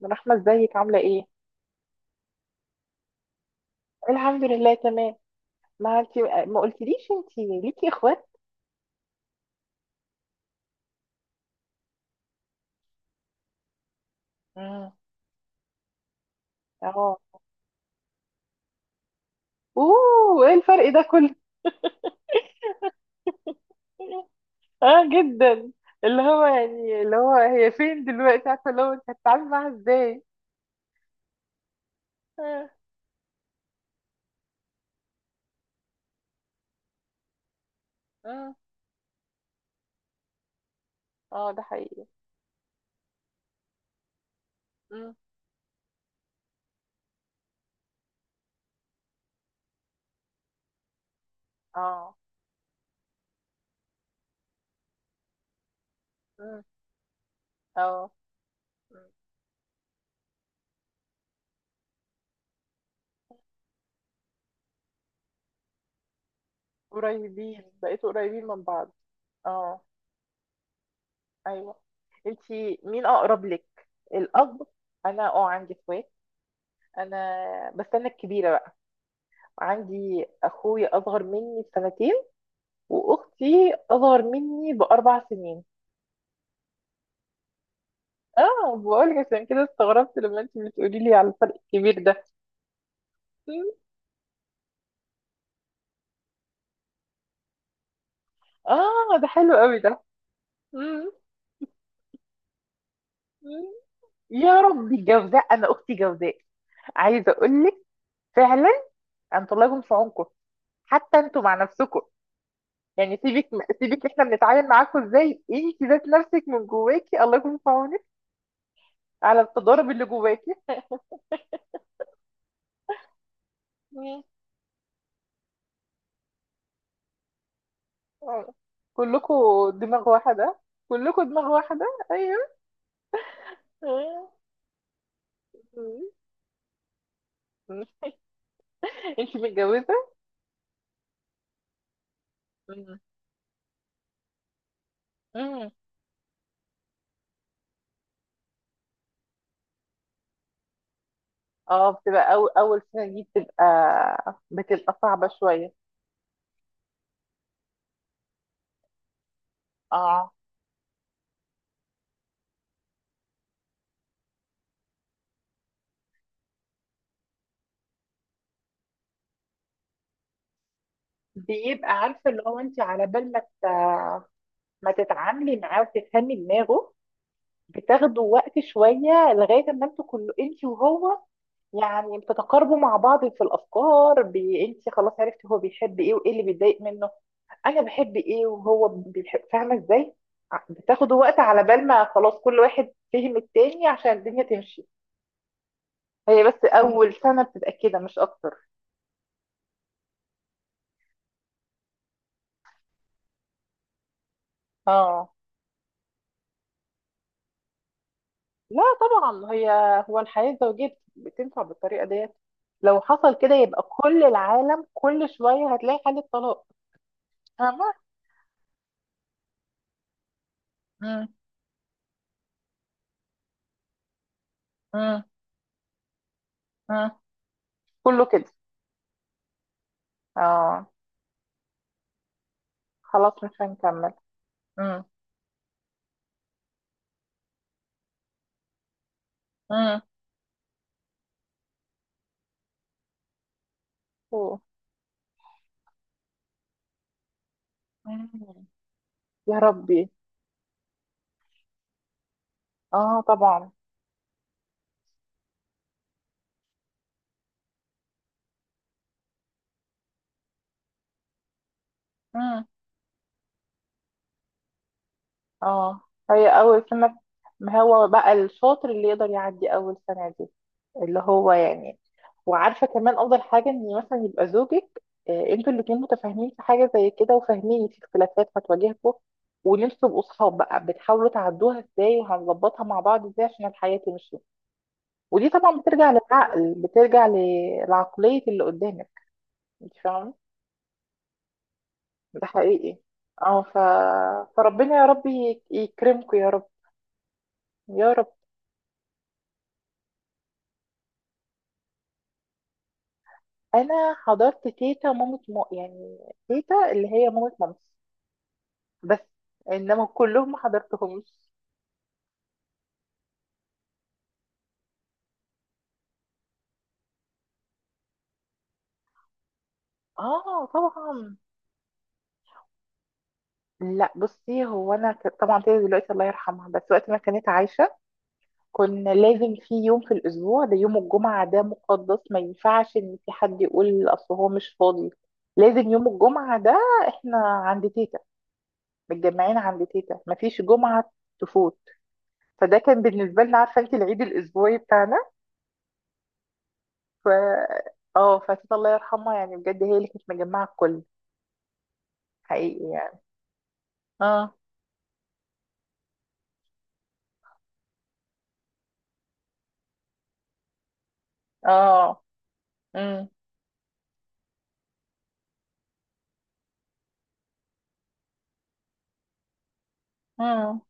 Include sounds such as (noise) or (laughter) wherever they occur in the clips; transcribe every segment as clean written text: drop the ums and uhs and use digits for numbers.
من رحمة ازيك عاملة ايه؟ الحمد لله تمام. ما انت ما قلتليش انت ليكي اخوات؟ امم اه. اوه ايه الفرق ده كله؟ (laughs) اه جدا. اللي هو هي فين دلوقتي عارفة اللي هو انت هتتعامل معاها ازاي؟ اه. اه. آه، ده حقيقي. مم. اه. مم. اه. مم. بقيتوا قريبين من بعض. اه. ايوه. انت مين اقرب لك؟ الاب. انا اه عندي اخوات. انا بس انا الكبيرة. عندي اخويا اصغر مني بسنتين. واختي اصغر مني باربع سنين. اه بقول لك عشان كده استغربت لما انت بتقولي لي على الفرق الكبير ده. مم. اه ده حلو قوي ده. مم. مم. يا ربي جوزاء انا اختي جوزاء. عايزه اقول لك. فعلا. انتوا الله يكون في عونكم. حتى انتوا مع نفسكم. يعني سيبك. سيبك احنا بنتعامل معاكم ازاي انت ذات نفسك من جواكي الله يكون في عونك على التضارب اللي جواكي. آه. كلكم دماغ واحدة. كلكم دماغ واحدة. ايوه. مم. مم. انتي متجوزة؟ مم. مم. اه بتبقى أول سنة دي بتبقى صعبة شوية. اه بيبقى عارفه اللي هو انت على بال ما تتعاملي معاه وتفهمي دماغه. بتاخدوا وقت شويه لغايه ما انتوا كله انت وهو. يعني بتتقاربوا مع بعض في الافكار انت خلاص عرفتي هو بيحب ايه وايه اللي بيتضايق منه. انا بحب ايه وهو بيحب فاهمه ازاي. بتاخد وقت على بال ما خلاص كل واحد فهم التاني عشان الدنيا تمشي. هي بس اول سنه بتبقى كده مش اكتر. اه. لا طبعا هي هو الحياه الزوجيه بتنفع بالطريقه ديت. لو حصل كده يبقى كل العالم كل شويه هتلاقي حاله طلاق. فاهمه. مم. مم. مم. كله كده. اه. خلاص مش هنكمل. مم. مم. أوه. مم. يا ربي. اه طبعا. مم. اه. هي اول سنه. ما هو بقى الشاطر اللي يقدر يعدي اول سنه دي. اللي هو يعني. وعارفه كمان افضل حاجه ان مثلا يبقى زوجك آه، انتوا الاتنين متفاهمين في حاجه زي كده وفاهمين في اختلافات هتواجهكم. وان انتوا تبقوا صحاب بقى بتحاولوا تعدوها ازاي وهنظبطها مع بعض ازاي عشان الحياه تمشي. ودي طبعا بترجع للعقل لعقليه اللي قدامك. انت فاهمه. ده حقيقي. اه فربنا يا رب يكرمكم يا رب. يا رب. انا حضرت تيتا مامة مو يعني. تيتا اللي هي مامة مامتي بس. انما كلهم ما حضرتهمش. اه طبعا. لا بصي هو انا طبعا تيتا دلوقتي الله يرحمها بس وقت ما كانت عايشه. كنا لازم في يوم في الاسبوع ده يوم الجمعه ده مقدس ما ينفعش ان في حد يقول اصل هو مش فاضي. لازم يوم الجمعه ده احنا عند تيتا متجمعين عند تيتا مفيش جمعه تفوت. فده كان بالنسبه لنا عارفه انت العيد الاسبوعي بتاعنا. ف اه فكده الله يرحمها يعني بجد هي اللي كانت مجمعة الكل. حقيقي يعني. اه. اه. امم. امم.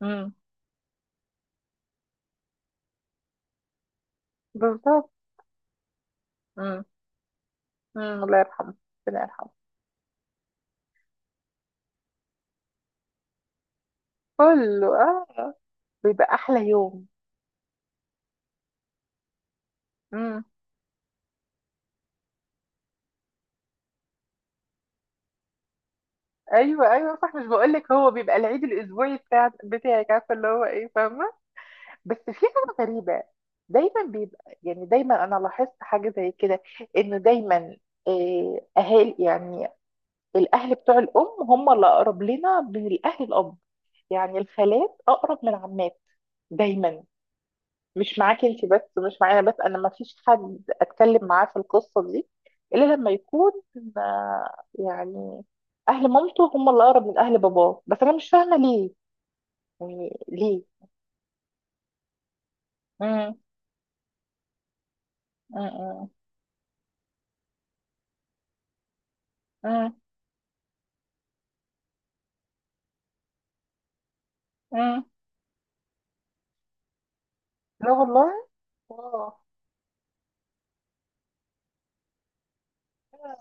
امم. بالظبط. امم. امم. الله يرحمه. ربنا يرحمه. كله اه. بيبقى احلى يوم. امم. ايوه ايوه صح مش بقول لك هو بيبقى العيد الاسبوعي بتاعك عارفه اللي هو ايه فاهمه. بس في حاجه غريبه. دايما بيبقى يعني دايما انا لاحظت حاجه زي كده. انه دايما آه، اهالي يعني الاهل بتوع الام هم اللي اقرب لنا من الاهل الاب. يعني الخالات اقرب من العمات دايما. مش معاكي انت بس مش معايا بس انا ما فيش حد اتكلم معاه في القصه دي. الا لما يكون آه، يعني اهل مامته هم اللي اقرب من اهل باباه. بس انا مش فاهمه ليه. يعني ليه. امم. امم. امم. امم. لا والله. اه.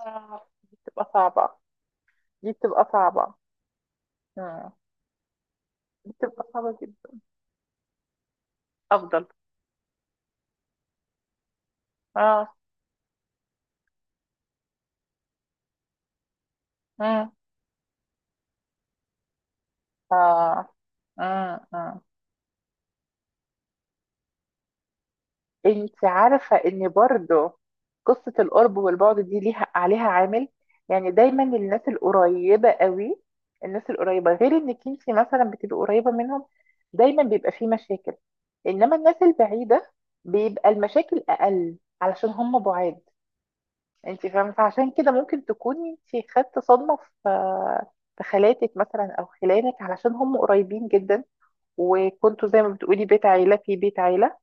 آه، دي بتبقى صعبه. دي بتبقى صعبه. امم. دي بتبقى صعبه جدا. افضل. اه. مم. آه. مم. مم. انت عارفة ان برضو قصة القرب والبعد دي ليها عليها عامل. يعني دايما الناس القريبة قوي. الناس القريبة غير انك انت مثلا بتبقي قريبة منهم دايما بيبقى فيه مشاكل. انما الناس البعيدة بيبقى المشاكل اقل علشان هم بعاد. انت فاهمة فعشان كده ممكن تكوني انت خدت صدمة في خالاتك مثلا او خلانك علشان هم قريبين جدا. وكنتوا زي ما بتقولي بيت عيلة في بيت عيلة.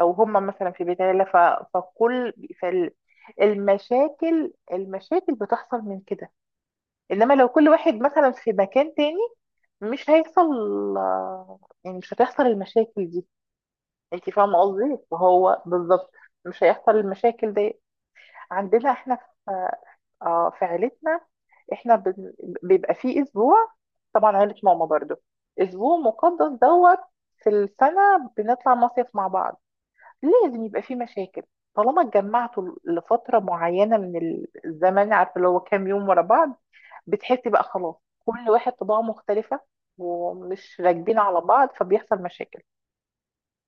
أو هما مثلا في بيت عيلة فكل فالمشاكل المشاكل المشاكل بتحصل من كده. إنما لو كل واحد مثلا في مكان تاني مش هيحصل. يعني مش هتحصل المشاكل دي. انت فاهمة قصدي فهو بالظبط. مش هيحصل المشاكل دي. عندنا احنا في عيلتنا. احنا بن- بيبقى فيه اسبوع طبعا عيلة ماما برضو اسبوع مقدس دوت في السنة بنطلع مصيف مع بعض. لازم يبقى فيه مشاكل. طالما اتجمعتوا لفترة معينة من الزمن عارفة اللي هو كام يوم ورا بعض. بتحسي بقى خلاص. كل واحد طباعه مختلفة. ومش راكبين على بعض فبيحصل مشاكل.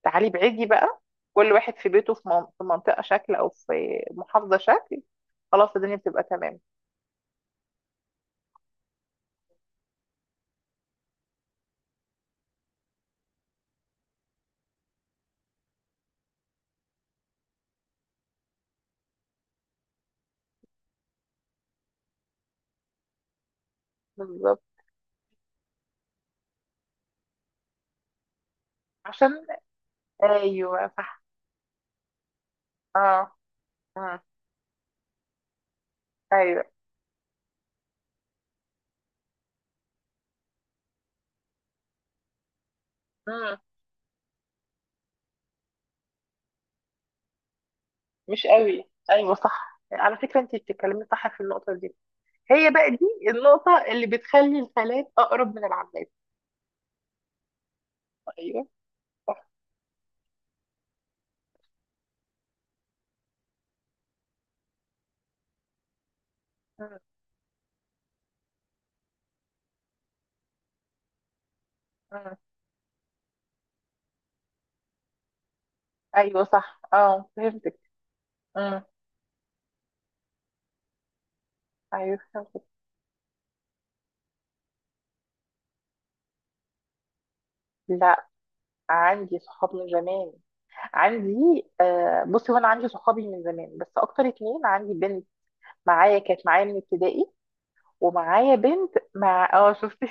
تعالي بعيدي بقى. كل واحد في بيته في منطقة شكل أو في محافظة شكل. خلاص الدنيا بتبقى تمام. بالظبط. عشان أيوه صح اه آه. أيوه. مم. مش قوي أيوه صح على فكرة أنت بتتكلمي صح في النقطة دي. هي بقى دي النقطة اللي بتخلي الخالات أقرب من العمات. أيوه صح. مم. مم. أيوه صح اه فهمتك. مم. أيوه فهمتك. لا. عندي صحاب من زمان. عندي آه، بصي هو انا عندي صحابي من زمان بس اكتر اتنين عندي بنت معايا كانت معايا من ابتدائي. ومعايا بنت اه شفتي.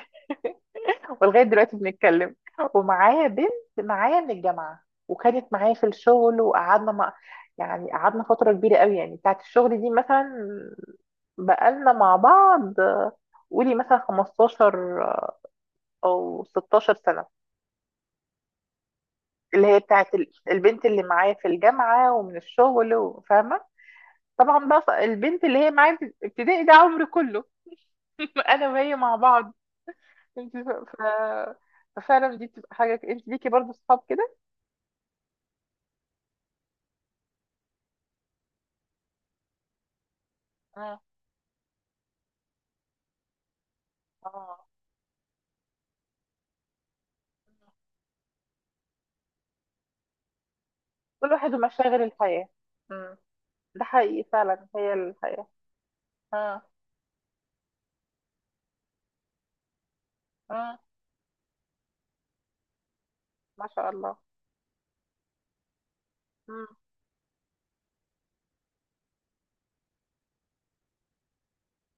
(laughs) ولغايه دلوقتي بنتكلم. ومعايا بنت معايا من الجامعه وكانت معايا في الشغل وقعدنا يعني قعدنا فتره كبيره قوي يعني بتاعت الشغل دي مثلا بقالنا مع بعض آه، قولي مثلا 15 او 16 سنه. اللي هي بتاعت البنت اللي معايا في الجامعه ومن الشغل فاهمه. طبعا بقى البنت اللي هي معايا في ابتدائي ده عمري كله. (laughs) انا وهي مع بعض. انت ففعلا دي بتبقى حاجه انت ليكي برضو صحاب كده. مم. اه. كل واحد ومشاغل الحياه. مم. ده حقيقي فعلا هي الحياه. اه. اه. ما شاء الله. مم.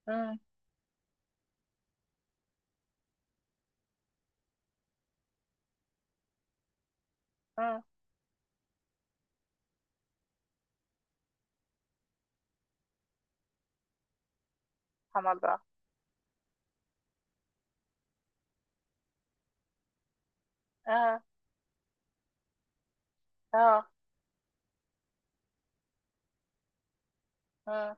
مم. مم. سبحان الله. اه. اه. اه.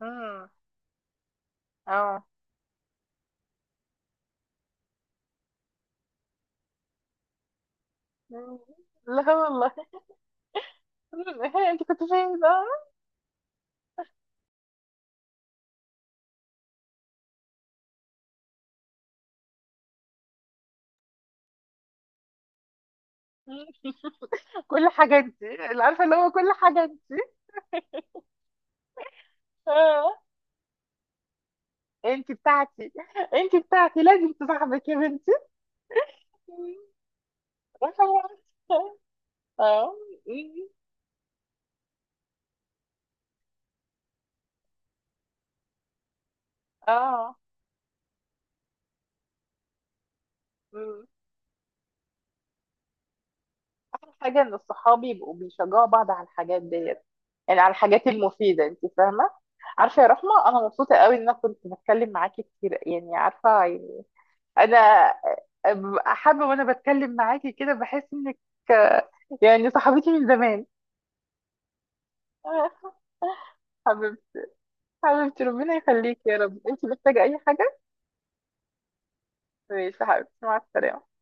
مم. اه. مم. لا والله. (laughs) هي انت كنت فين بقى. مم. كل حاجه انت اللي عارفه اللي هو كل حاجه انت. آه. انت بتاعتي. انت بتاعتي لازم تصاحبك يا بنتي. (laughs) رقم واحد. اه. مم. اه. مم. احلى حاجه ان الصحاب يبقوا بيشجعوا بعض على الحاجات ديت. يعني على الحاجات المفيده انت فاهمه. عارفه يا رحمه انا مبسوطه قوي ان انا كنت بتكلم معاكي كتير يعني عارفه يعني. انا ببقى حابه وانا بتكلم معاكي كده بحس انك آه، يعني صاحبتي من زمان آه، حبيبتي. حبيبتي ربنا يخليكي يا رب انت محتاجه اي حاجه. ماشي يا حبيبتي مع السلامه.